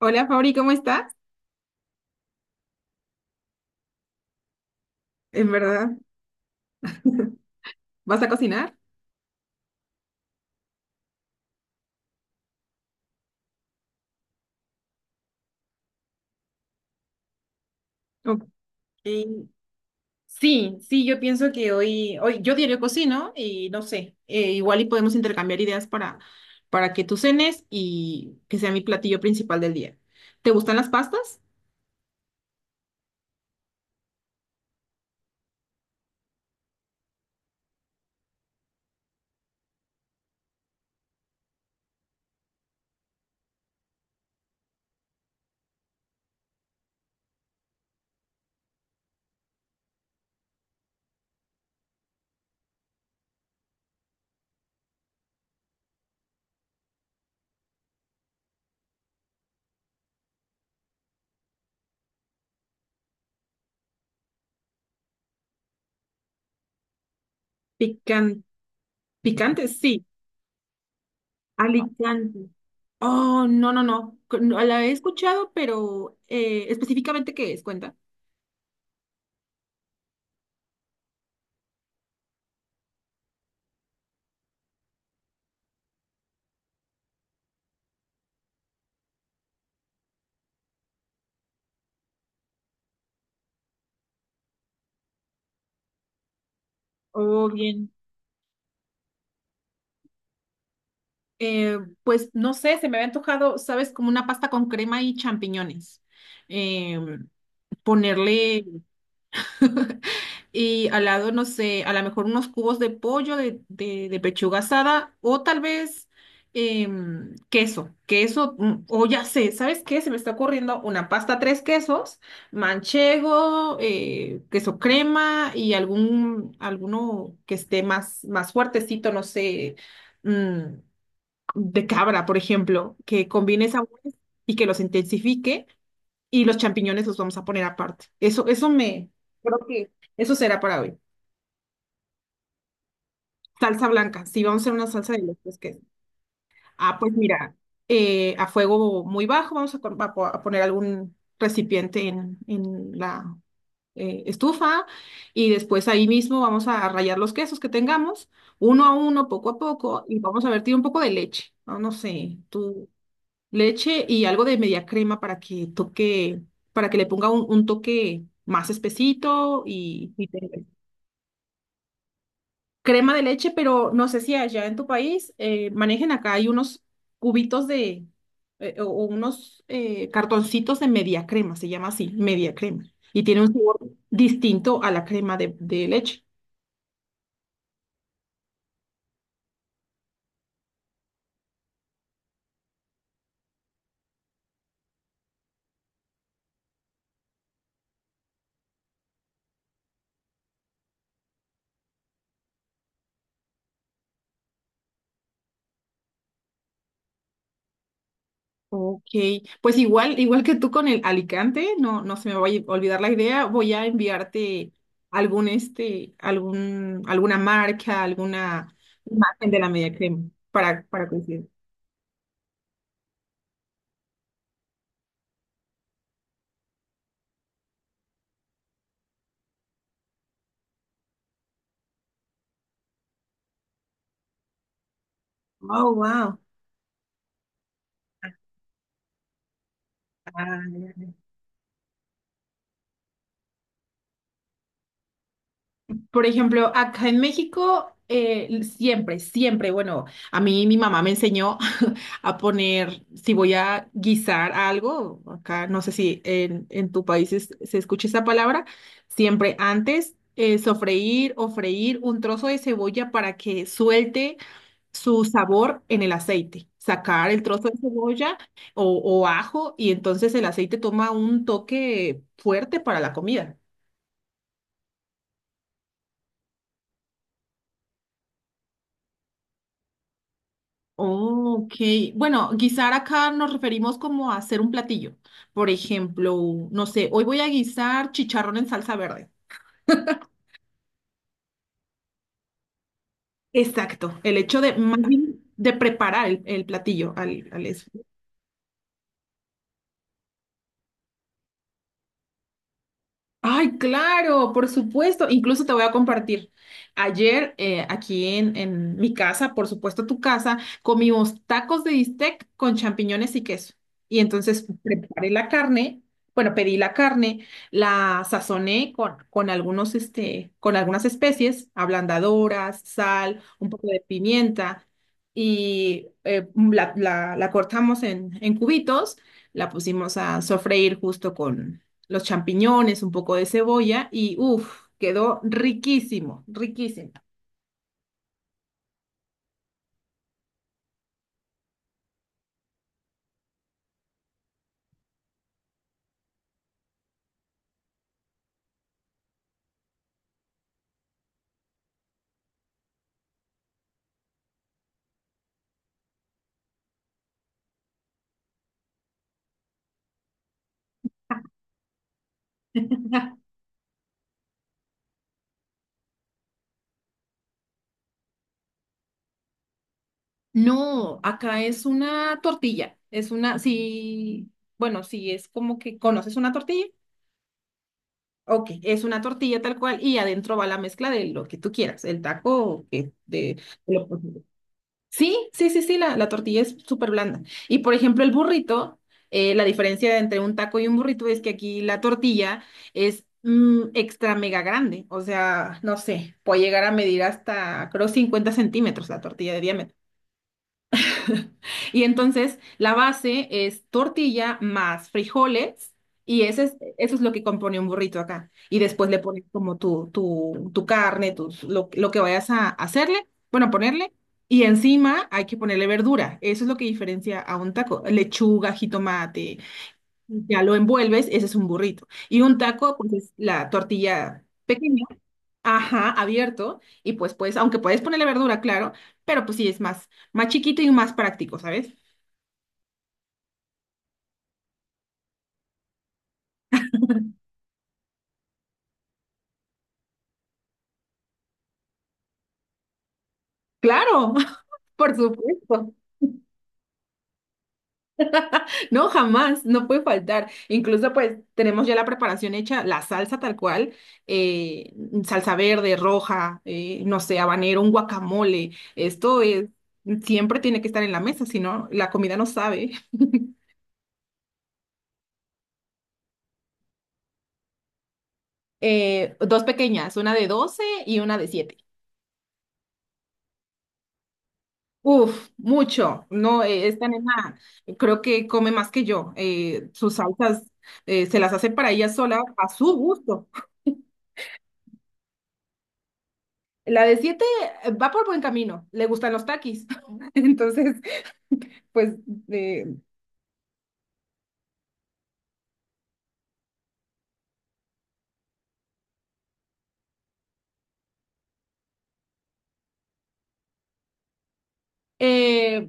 Hola Fabri, ¿cómo estás? En verdad, ¿vas a cocinar? Ok. Sí, sí, yo pienso que hoy yo diario cocino y no sé, igual y podemos intercambiar ideas para que tú cenes y que sea mi platillo principal del día. ¿Te gustan las pastas? Pican- Picantes, sí. Alicante. Oh, no, no, no, no, la he escuchado, pero específicamente ¿qué es? Cuenta. Oh, bien. Pues no sé, se me había antojado, ¿sabes? Como una pasta con crema y champiñones. Eh, ponerle Y al lado, no sé, a lo mejor unos cubos de pollo, de pechuga asada o tal vez queso, o ya sé, ¿sabes qué? Se me está ocurriendo una pasta tres quesos: manchego, queso crema y alguno que esté más fuertecito, no sé. mm, de cabra, por ejemplo, que combine sabores y que los intensifique, y los champiñones los vamos a poner aparte. Creo que eso será para hoy. Salsa blanca, sí, vamos a hacer una salsa de los tres quesos. Ah, pues mira, a fuego muy bajo vamos a, con- a po- a poner algún recipiente en la estufa, y después ahí mismo vamos a rallar los quesos que tengamos, uno a uno, poco a poco, y vamos a vertir un poco de leche. No, no sé, tú. Leche y algo de media crema para que toque, para que le ponga un toque más espesito. Crema de leche, pero no sé si allá en tu país manejen, acá hay unos cubitos de o unos cartoncitos de media crema, se llama así, media crema, y tiene un sabor distinto a la crema de leche. Ok, pues igual, igual que tú con el Alicante, no, no se me vaya a olvidar la idea, voy a enviarte alguna marca, alguna imagen de la media crema para coincidir. Oh, wow. Por ejemplo, acá en México, bueno, a mí mi mamá me enseñó a poner, si voy a guisar algo, acá no sé si en tu país se escucha esa palabra, siempre antes sofreír o freír un trozo de cebolla para que suelte su sabor en el aceite. Sacar el trozo de cebolla o ajo, y entonces el aceite toma un toque fuerte para la comida. Ok, bueno, guisar acá nos referimos como a hacer un platillo. Por ejemplo, no sé, hoy voy a guisar chicharrón en salsa verde. Exacto, el hecho de, más bien, de preparar el platillo al eso. Ay, claro, por supuesto. Incluso te voy a compartir. Ayer, aquí en mi casa, por supuesto tu casa, comimos tacos de bistec con champiñones y queso. Y entonces preparé la carne, bueno, pedí la carne, la sazoné con con algunas especies, ablandadoras, sal, un poco de pimienta, y la cortamos en cubitos, la pusimos a sofreír justo los champiñones, un poco de cebolla y uff, quedó riquísimo, riquísimo. No, acá es una tortilla, sí, bueno, sí, es como que conoces una tortilla. Ok, es una tortilla tal cual, y adentro va la mezcla de lo que tú quieras, el taco, que. Sí, sí, sí, sí, la tortilla es súper blanda. Y por ejemplo, el burrito, la diferencia entre un taco y un burrito es que aquí la tortilla es extra mega grande. O sea, no sé, puede llegar a medir hasta, creo, 50 centímetros la tortilla de diámetro. Y entonces la base es tortilla más frijoles, y eso es lo que compone un burrito acá. Y después le pones como tu carne, lo que vayas a hacerle, bueno, a ponerle. Y encima hay que ponerle verdura. Eso es lo que diferencia a un taco. Lechuga, jitomate, ya lo envuelves, ese es un burrito. Y un taco, pues es la tortilla pequeña, ajá, abierto. Y pues, aunque puedes ponerle verdura, claro, pero pues sí es más chiquito y más práctico, ¿sabes? Claro, por supuesto. No, jamás, no puede faltar. Incluso pues tenemos ya la preparación hecha, la salsa tal cual, eh, salsa verde, roja, no sé, habanero, un guacamole. Esto es, siempre tiene que estar en la mesa, si no, la comida no sabe. Dos pequeñas, una de 12 y una de 7. Uf, mucho. No, esta nena creo que come más que yo. Sus salsas se las hace para ella sola a su gusto. La de 7 va por buen camino, le gustan los taquis. Entonces, pues, eh, eh,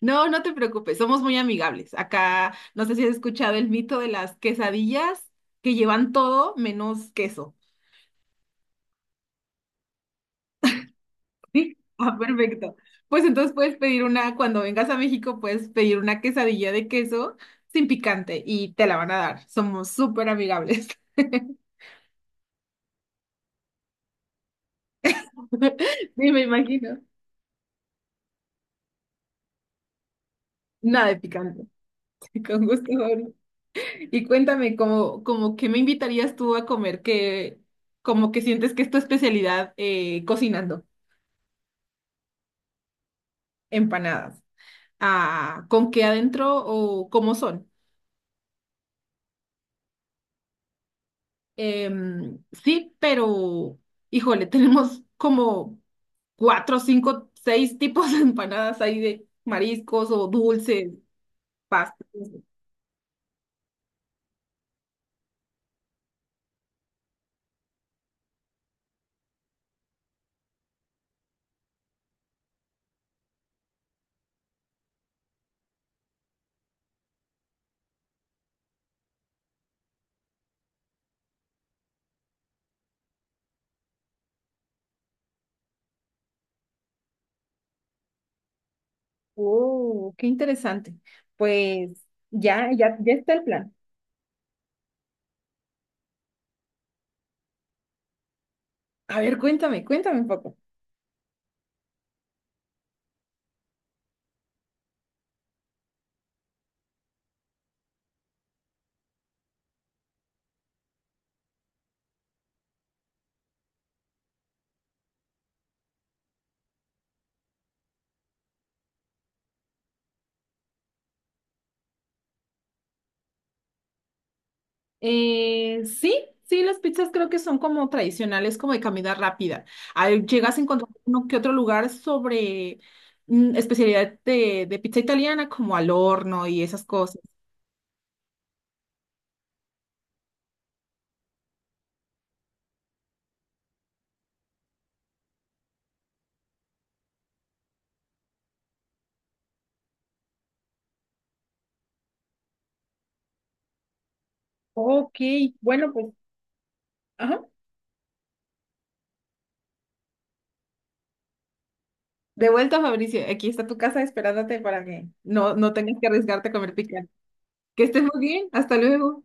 no, no te preocupes, somos muy amigables. Acá, no sé si has escuchado el mito de las quesadillas, que llevan todo menos queso. Sí. Ah, perfecto. Pues entonces puedes pedir una, cuando vengas a México, puedes pedir una quesadilla de queso sin picante y te la van a dar. Somos súper amigables. Sí, me imagino. Nada de picante. Con gusto, Gabriel. Y cuéntame, como que me invitarías tú a comer, que como que sientes que es tu especialidad cocinando empanadas. Ah, ¿con qué adentro o cómo son? Sí, pero, híjole, tenemos como cuatro, cinco, seis tipos de empanadas ahí, de mariscos o dulces, pastas. Oh, qué interesante. Pues ya, ya, ya está el plan. A ver, cuéntame, cuéntame un poco. Sí, sí, las pizzas creo que son como tradicionales, como de comida rápida. Ahí llegas a encontrar uno que otro lugar sobre especialidad de pizza italiana, como al horno y esas cosas. Ok, bueno, pues, ajá. De vuelta, Fabricio, aquí está tu casa esperándote para que no tengas que arriesgarte a comer picante. Que estés muy bien, hasta luego.